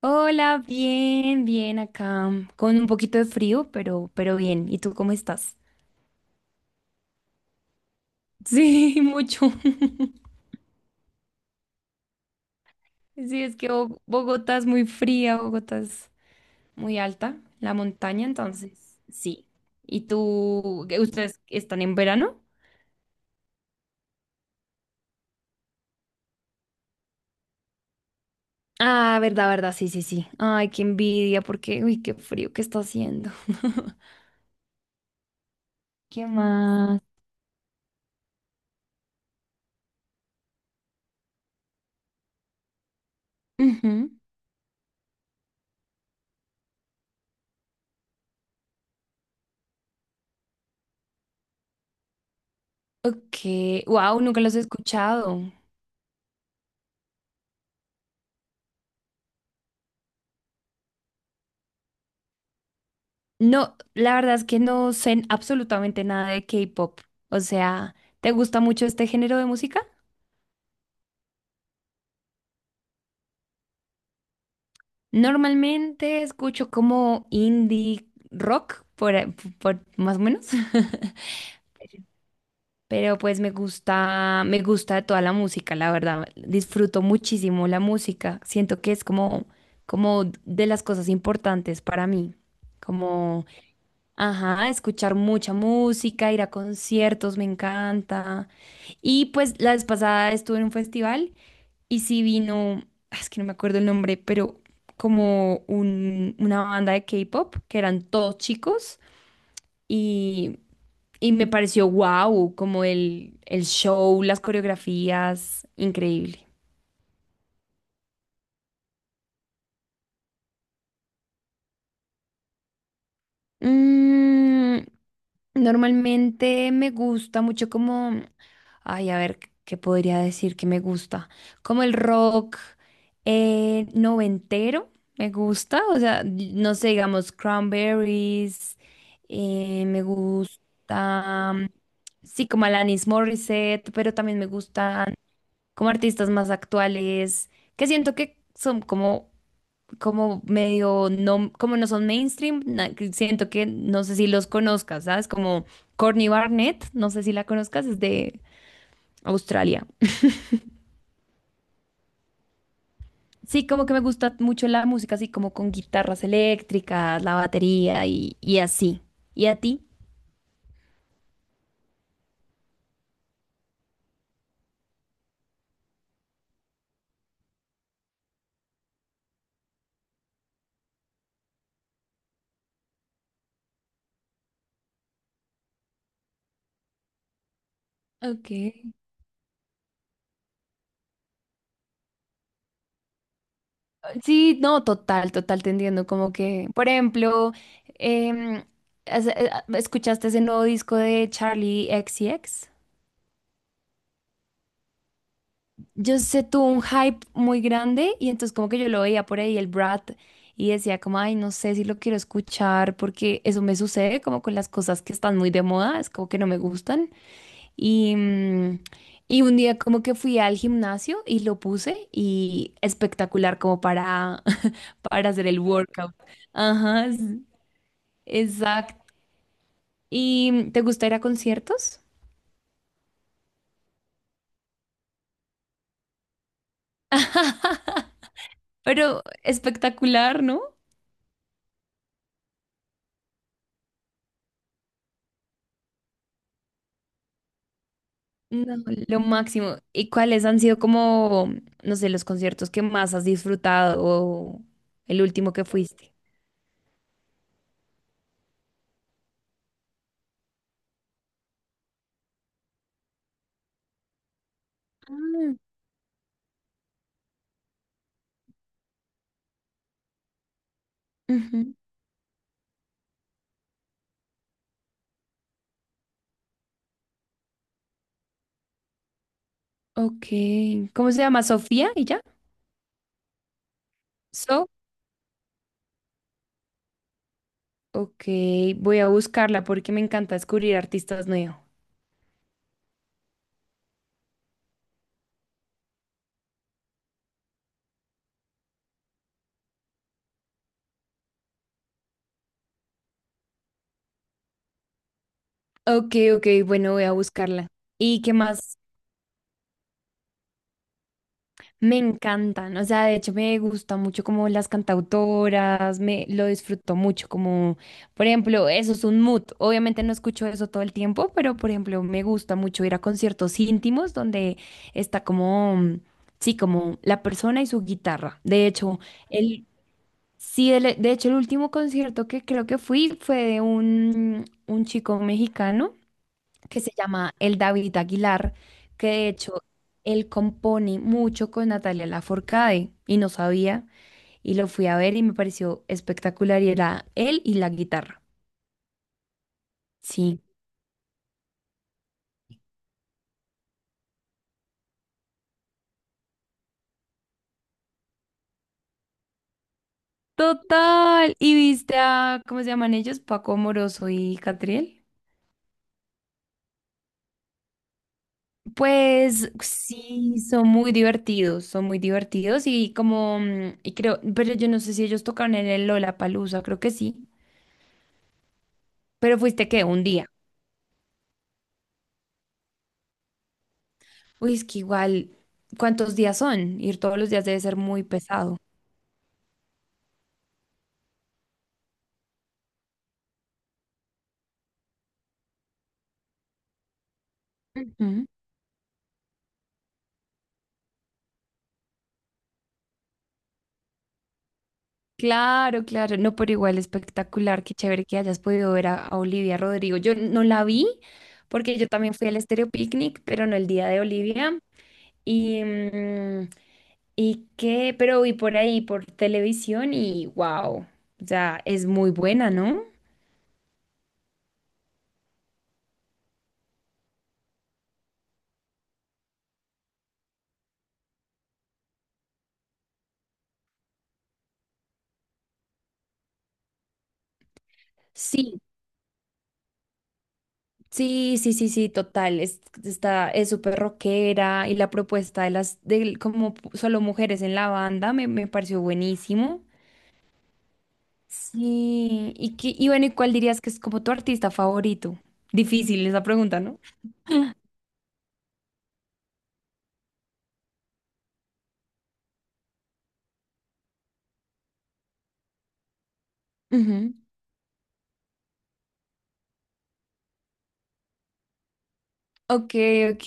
Hola, bien, bien acá, con un poquito de frío, pero bien. ¿Y tú cómo estás? Sí, mucho. Sí, es que Bogotá es muy fría, Bogotá es muy alta, la montaña, entonces, sí. ¿Y tú, ustedes están en verano? Ah, verdad, verdad, sí, sí, sí. Ay, qué envidia, porque, uy, qué frío que está haciendo. ¿Qué más? Ujú. Ok, wow, nunca los he escuchado. No, la verdad es que no sé absolutamente nada de K-pop. O sea, ¿te gusta mucho este género de música? Normalmente escucho como indie rock, por más o menos. Pero pues me gusta toda la música, la verdad. Disfruto muchísimo la música. Siento que es como, como de las cosas importantes para mí. Ajá, escuchar mucha música, ir a conciertos, me encanta. Y pues la vez pasada estuve en un festival y sí vino, ah, es que no me acuerdo el nombre, pero como una banda de K-pop, que eran todos chicos y, y me pareció wow, como el show, las coreografías, increíble. Mm, normalmente me gusta mucho como, ay, a ver, ¿qué podría decir que me gusta? Como el rock noventero, me gusta, o sea, no sé, digamos, Cranberries, me gusta, sí, como Alanis Morissette, pero también me gustan como artistas más actuales, que siento que son como como medio, no, como no son mainstream, que siento que no sé si los conozcas, ¿sabes? Como Courtney Barnett, no sé si la conozcas, es de Australia. Sí, como que me gusta mucho la música, así como con guitarras eléctricas, la batería y así. ¿Y a ti? Okay. Sí, no, total, total, te entiendo. Como que, por ejemplo, em, has- eh, ¿escuchaste ese nuevo disco de Charlie XCX? Yo sé, tuvo un hype muy grande y entonces como que yo lo veía por ahí el Brat y decía como, ay, no sé si lo quiero escuchar porque eso me sucede como con las cosas que están muy de moda, es como que no me gustan. Y, mm, y un día como que fui al gimnasio y lo puse y espectacular como para, para hacer el workout. Ajá, exacto. ¿Y te gusta ir a conciertos? Pero espectacular, ¿no? No, lo máximo. ¿Y cuáles han sido como, no sé, los conciertos que más has disfrutado o el último que fuiste? Ah, ujú. Ok. ¿Cómo se llama? ¿Sofía? ¿Y ya? So. Ok, voy a buscarla porque me encanta descubrir artistas nuevos. Ok, ok, bueno, voy a buscarla. ¿Y qué más? Me encantan, o sea, de hecho me gusta mucho como las cantautoras, me lo disfruto mucho, como por ejemplo, eso es un mood. Obviamente no escucho eso todo el tiempo, pero por ejemplo, me gusta mucho ir a conciertos íntimos donde está como sí, como la persona y su guitarra. De hecho, el de hecho el último concierto que creo que fui fue de un chico mexicano que se llama el David Aguilar, que de hecho él compone mucho con Natalia Lafourcade y no sabía y lo fui a ver y me pareció espectacular y era él y la guitarra. Sí. Total. ¿Y viste a, cómo se llaman ellos? Paco Moroso y Catriel. Pues sí, son muy divertidos y como, y creo, pero yo no sé si ellos tocaron en el Lollapalooza, creo que sí. Pero fuiste qué un día. Uy, es que igual, ¿cuántos días son? Ir todos los días debe ser muy pesado. Ujú. Claro, claro, no, pero igual espectacular, qué chévere que hayas podido ver a Olivia Rodrigo. Yo no la vi porque yo también fui al Estéreo Picnic, pero no el día de Olivia. Y, mm, y qué, pero vi por ahí, por televisión y wow, o sea, es muy buena, ¿no? Sí, sí, sí, sí, sí, total. Es, está, es súper rockera y la propuesta de las, de como solo mujeres en la banda me, me pareció buenísimo. Sí, y, y bueno, ¿y cuál dirías que es como tu artista favorito? Difícil esa pregunta, ¿no? Ujú. Ok, ok.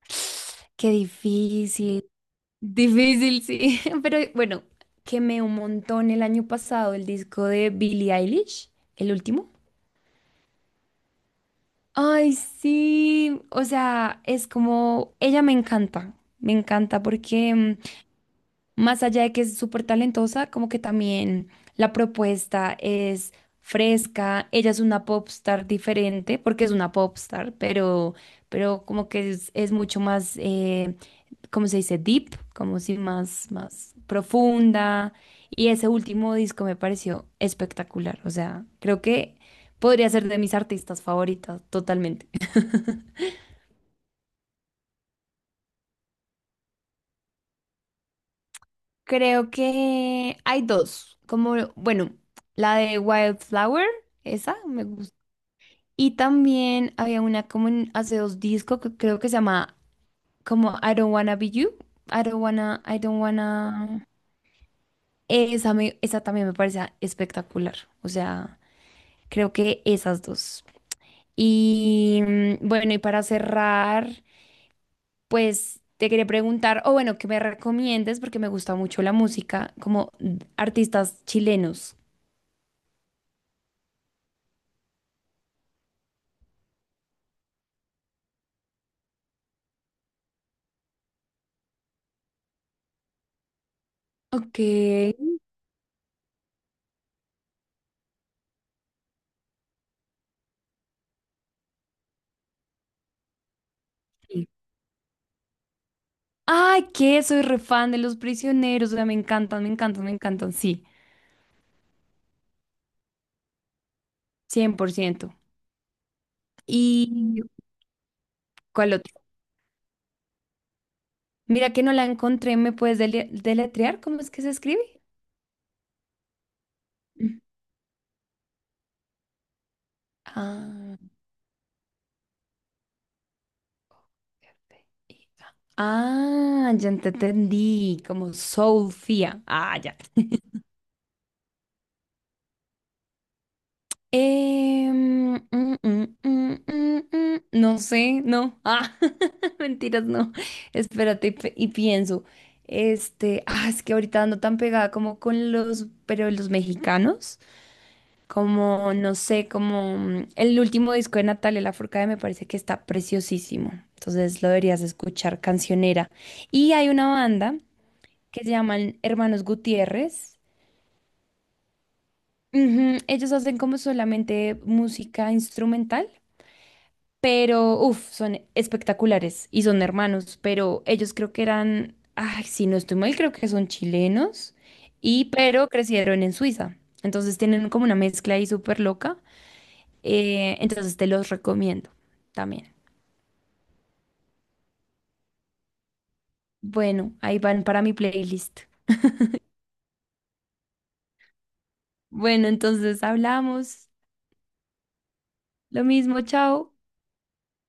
Qué difícil. Difícil, sí. Pero bueno, quemé un montón el año pasado el disco de Billie Eilish, el último. Ay, sí, o sea, es como, ella me encanta porque más allá de que es súper talentosa, como que también la propuesta es fresca, ella es una popstar diferente, porque es una popstar, pero como que es mucho más, ¿cómo se dice? Deep, como si más, más profunda, y ese último disco me pareció espectacular, o sea, creo que podría ser de mis artistas favoritas, totalmente. Creo que hay dos, como, bueno, la de Wildflower, esa me gusta. Y también había una como hace dos discos que creo que se llama como I Don't Wanna Be You, I Don't Wanna, I Don't Wanna. Esa, me, esa también me parece espectacular, o sea, creo que esas dos. Y bueno, y para cerrar, pues te quería preguntar, o bueno, que me recomiendes, porque me gusta mucho la música, como artistas chilenos. Ok. Ay, que soy re fan de los prisioneros. O sea, me encantan, me encantan, me encantan. Sí, 100%. ¿Y cuál otro? Mira que no la encontré. ¿Me puedes deletrear? ¿Cómo es que se escribe? Mm. Ah, ah, ya te entendí. Como Sofía. Ah, ya. Em, mm, mm, no sé, no. Ah, mentiras, no. Espérate y, y pienso. Este, ah, es que ahorita ando tan pegada como con los, pero los mexicanos, como, no sé, como el último disco de Natalia Lafourcade me parece que está preciosísimo. Entonces lo deberías escuchar, cancionera. Y hay una banda que se llaman Hermanos Gutiérrez. Ujú, ellos hacen como solamente música instrumental. Pero uff, son espectaculares y son hermanos, pero ellos creo que eran, ay, si no estoy mal, creo que son chilenos y pero crecieron en Suiza. Entonces tienen como una mezcla ahí súper loca. Entonces te los recomiendo también. Bueno, ahí van para mi playlist. Bueno, entonces hablamos. Lo mismo, chao.